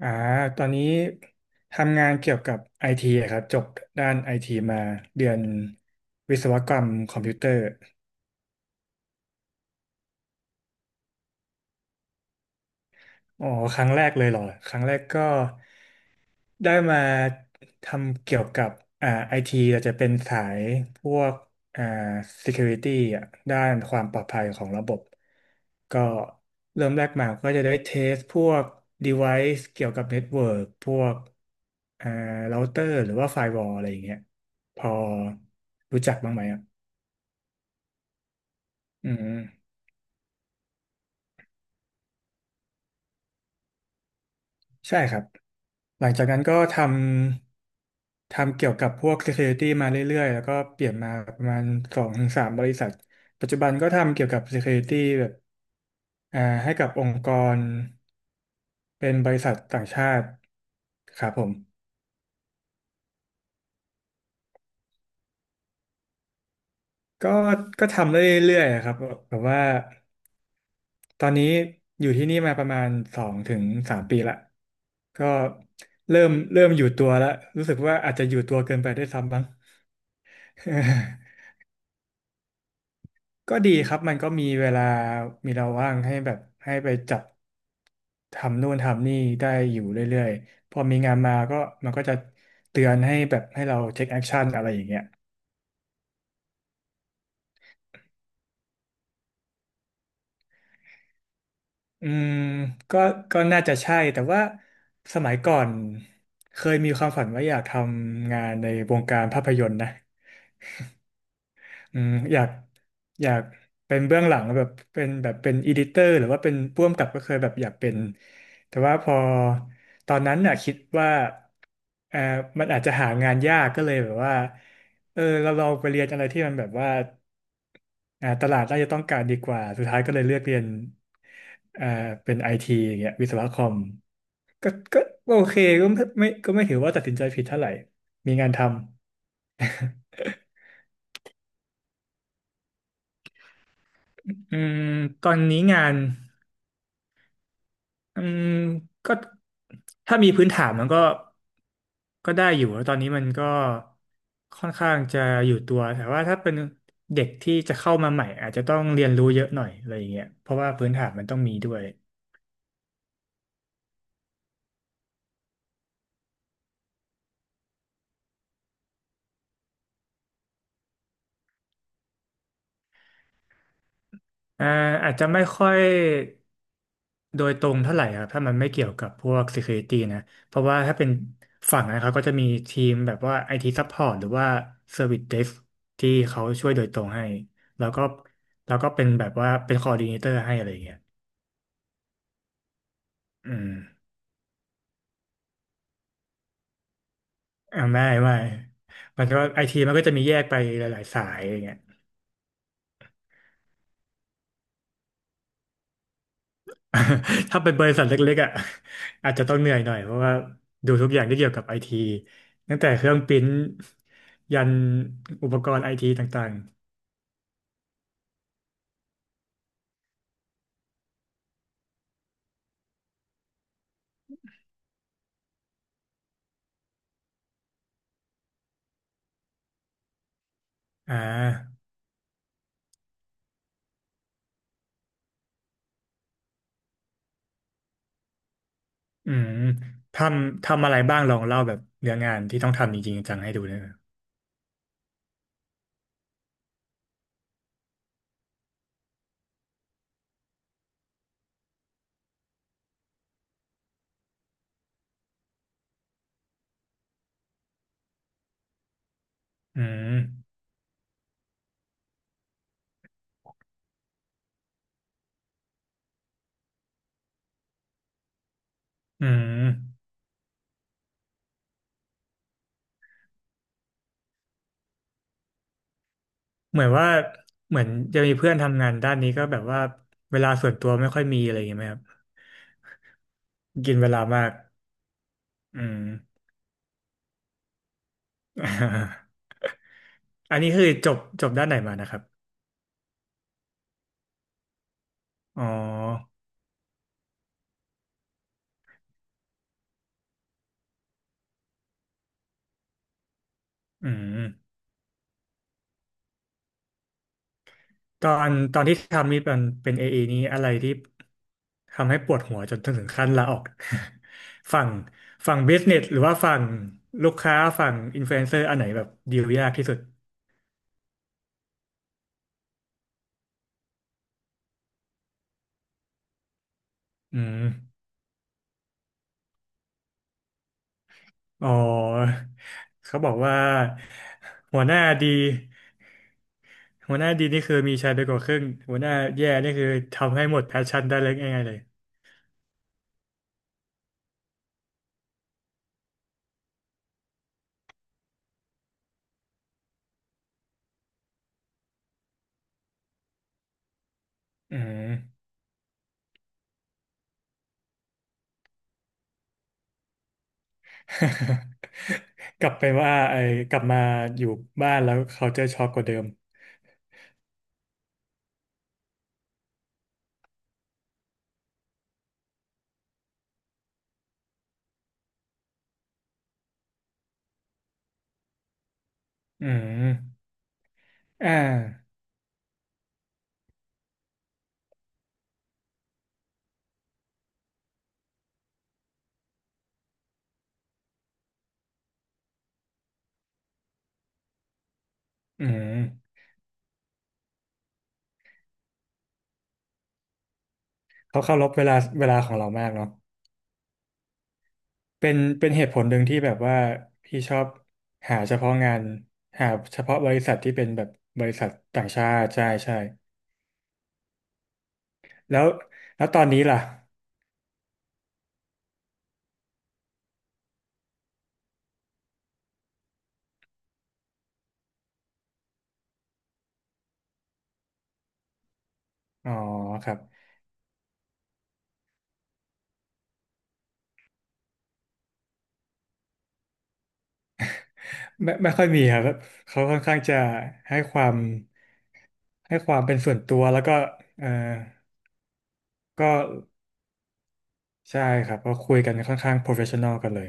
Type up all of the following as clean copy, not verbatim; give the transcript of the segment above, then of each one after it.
อ่าตอนนี้ทำงานเกี่ยวกับไอทีครับจบด้านไอทีมาเรียนวิศวกรรมคอมพิวเตอร์อ๋อครั้งแรกเลยเหรอ ครั้งแรกก็ ได้มาทำเกี่ยวกับไอทีเราจะเป็นสายพวกอ่า security อ่ะด้านความปลอดภัยของระบบก็เริ่มแรกมาก็จะได้เทสพวก device เกี่ยวกับ network พวกอ่า router หรือว่า firewall อะไรอย่างเงี้ยพอรู้จักบ้างไหมอ่ะอืมใช่ครับ หลังจากนั้นก็ทำเกี่ยวกับพวก Security มาเรื่อยๆแล้วก็เปลี่ยนมาประมาณสองถึงสามบริษัทปัจจุบันก็ทำเกี่ยวกับ Security แบบให้กับองค์กรเป็นบริษัทต่างชาติครับผมก็ก็ทำเรื่อยๆครับแบบว่าตอนนี้อยู่ที่นี่มาประมาณสองถึงสามปีละก็เริ่มอยู่ตัวแล้วรู้สึกว่าอาจจะอยู่ตัวเกินไปได้วยซ้ำบ้าง ก็ดีครับมันก็มีเวลามีเราว่างให้แบบให้ไปจับทำนู่นทำนี่ได้อยู่เรื่อยๆพอมีงานมาก็มันก็จะเตือนให้แบบให้เราเทคแอคชั่นอะไรอย่างเงี้ยอืมก็ก็น่าจะใช่แต่ว่าสมัยก่อนเคยมีความฝันว่าอยากทำงานในวงการภาพยนตร์นะ อืมอยากอยากเป็นเบื้องหลังแบบเป็นแบบเป็นอีดิเตอร์หรือว่าเป็นผู้กำกับก็เคยแบบอยากเป็นแต่ว่าพอตอนนั้นน่ะคิดว่าเออมันอาจจะหางานยากก็เลยแบบว่าเออเราลองไปเรียนอะไรที่มันแบบว่าตลาดน่าจะต้องการดีกว่าสุดท้ายก็เลยเลือกเรียนอ่าเป็นไอทีอย่างเงี้ยวิศวะคอมก็โอเคก็ไม่ถือว่าตัดสินใจผิดเท่าไหร่มีงานทำ อืมตอนนี้งาน อืมก็ถ้ามีพื้นฐานมันก็ได้อยู่แล้วตอนนี้มันก็ค่อนข้างจะอยู่ตัวแต่ว่าถ้าเป็นเด็กที่จะเข้ามาใหม่อาจจะต้องเรียนรู้เยอะหน่อยอะไรอย่างเงี้ยเพราะว่าพื้นฐานมันต้องมีด้วยอ่าอาจจะไม่ค่อย โดยตรงเท่าไหร่ครับถ้ามันไม่เกี่ยวกับพวก security นะเพราะว่าถ้าเป็นฝั่งนะครับก็จะมีทีมแบบว่า IT support หรือว่า service desk ที่เขาช่วยโดยตรงให้แล้วก็เป็นแบบว่าเป็น coordinator ให้อะไรอย่างเงี้ยอืมไม่มันก็ไอทีมันก็จะมีแยกไปหลายๆสายอย่างเงี้ย ถ้าเป็นบริษัทเล็กๆอ่ะอาจจะต้องเหนื่อยหน่อยเพราะว่าดูทุกอย่างที่เกี่ยวกับไอทีตั้งแต่เครื่องปริ้นท์ยันอุปกรณ์ไอทีต่างๆอืมทำอะไรบ้างลองเล่าแบบเนื้องานที่ต้องทำจริงๆจังๆให้ดูได้ไหมอืมอืมเหมือนว่าเหมือนจะมีเพื่อนทำงานด้านนี้ก็แบบว่าเวลาส่วนตัวไม่ค่อยมีอะไรอย่างเงี้ยไหมครับกินเวลามากอืม อันนี้คือจบด้านไหนมานะครับอ๋ออืม ตอนที่ทำนี่เป็นเออีนี้อะไรที่ทำให้ปวดหัวจนถึงขั้นลาออก ฝั่งบิสเนสหรือว่าฝั่งลูกค้าฝั่งอินฟลูเอนเซอร์อันไหนแบบดีลยากที่สุดอืมอ๋อ เขาบอกว่าหัวหน้าดีหัวหน้าดีนี่คือมีชัยไปกว่าครึ่งหัวหน้าแย่นี่คือทำให้หมดแพชชั่นได้เลยง่ายๆเลยอืม กลับไปว่าไอ้กลับมาอยู่บ้านแล้วเขาเจอช็อกกว่าเดิมอืม อ่าอืม เขาเคารพเวลาเวลาของเรามากเนาะเป็นเป็นเหตุผลหนึ่งที่แบบว่าพี่ชอบหาเฉพาะงานหาเฉพาะบริษัทที่เป็นแบบบริษัทต่างชาติใช่ใช่แล้วแล้วตอนนี้ล่ะ อ๋อครับไม่ค่อยมีครับแบบเขาค่อนข้างจะให้ความให้ความเป็นส่วนตัวแล้วก็เออก็ใช่ครับก็คุยกันค่อนข้าง professional กันเลย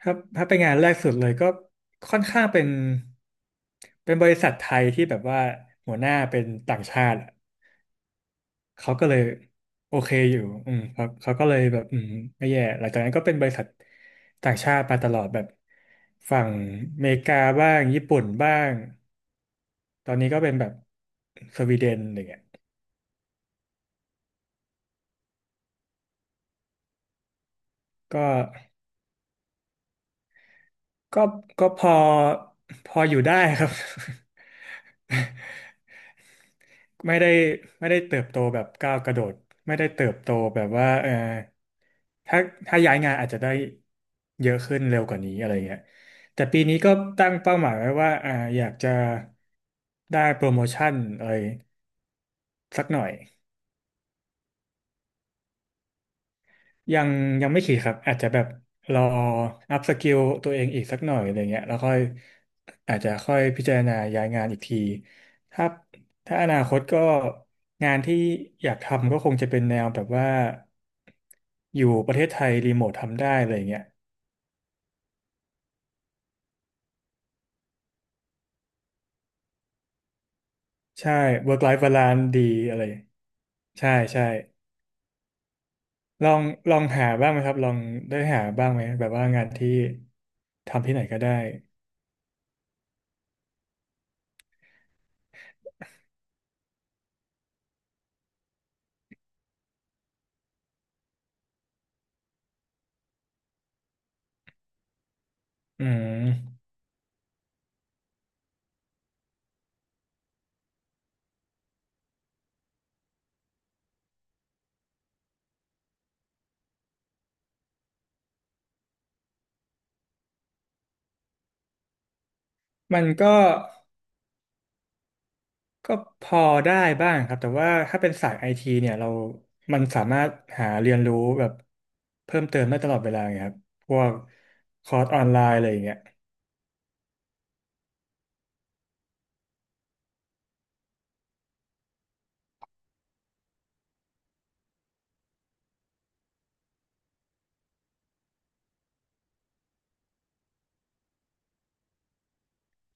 ถ้าเป็นงานแรกสุดเลยก็ค่อนข้างเป็นบริษัทไทยที่แบบว่าหัวหน้าเป็นต่างชาติอะเขาก็เลยโอเคอยู่อืมเขาก็เลยแบบอืมไม่แย่หลังจากนั้นก็เป็นบริษัทต่างชาติมาตลอดแบบฝั่งอเมริกาบ้างญี่ปุ่นบ้างตอนนี้ก็เป็นแบบสวีเดนอะไรเงี้ยก็ก็ก็พอพออยู่ได้ครับ ไม่ได้ไม่ได้เติบโตแบบก้าวกระโดดไม่ได้เติบโตแบบว่าเออถ้าถ้าย้ายงานอาจจะได้เยอะขึ้นเร็วกว่านี้อะไรเงี้ยแต่ปีนี้ก็ตั้งเป้าหมายไว้ว่าอยากจะได้โปรโมชั่นอะไรสักหน่อย ยังยังไม่คิดครับอาจจะแบบรออัพสกิลตัวเองอีกสักหน่อยอะไรเงี้ยแล้วค่อยอาจจะค่อยพิจารณาย้ายงานอีกทีถ้าถ้าอนาคตก็งานที่อยากทำก็คงจะเป็นแนวแบบว่าอยู่ประเทศไทยรีโมททำได้อะไรเงี้ยใช่ work life balance ดีอะไรใช่ใช่ลองหาบ้างไหมครับลองได้หาบ้างไหมแบบว่างานที่ทำที่ไหนก็ได้อืมมันก็ ก็พอได้บ้างครับแต่ว่าถ้าเป็นสายไอทีเนี่ยเรามันสามารถหาเรียนรู้แบบเพิ่มเติมได้ตลอดเวลาไงครับพวกคอร์สออนไลน์อะไรอย่างเงี้ย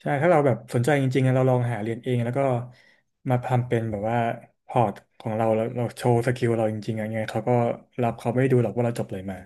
ใช่ถ้าเราแบบสนใจจริงๆอะเราลองหาเรียนเองแล้วก็มาทำเป็นแบบว่าพอร์ตของเราแล้วเราโชว์สกิลเราจริงๆอะไรเงี้ยเขาก็รับเขาไม่ดูหรอกว่าเราจบอะไรมา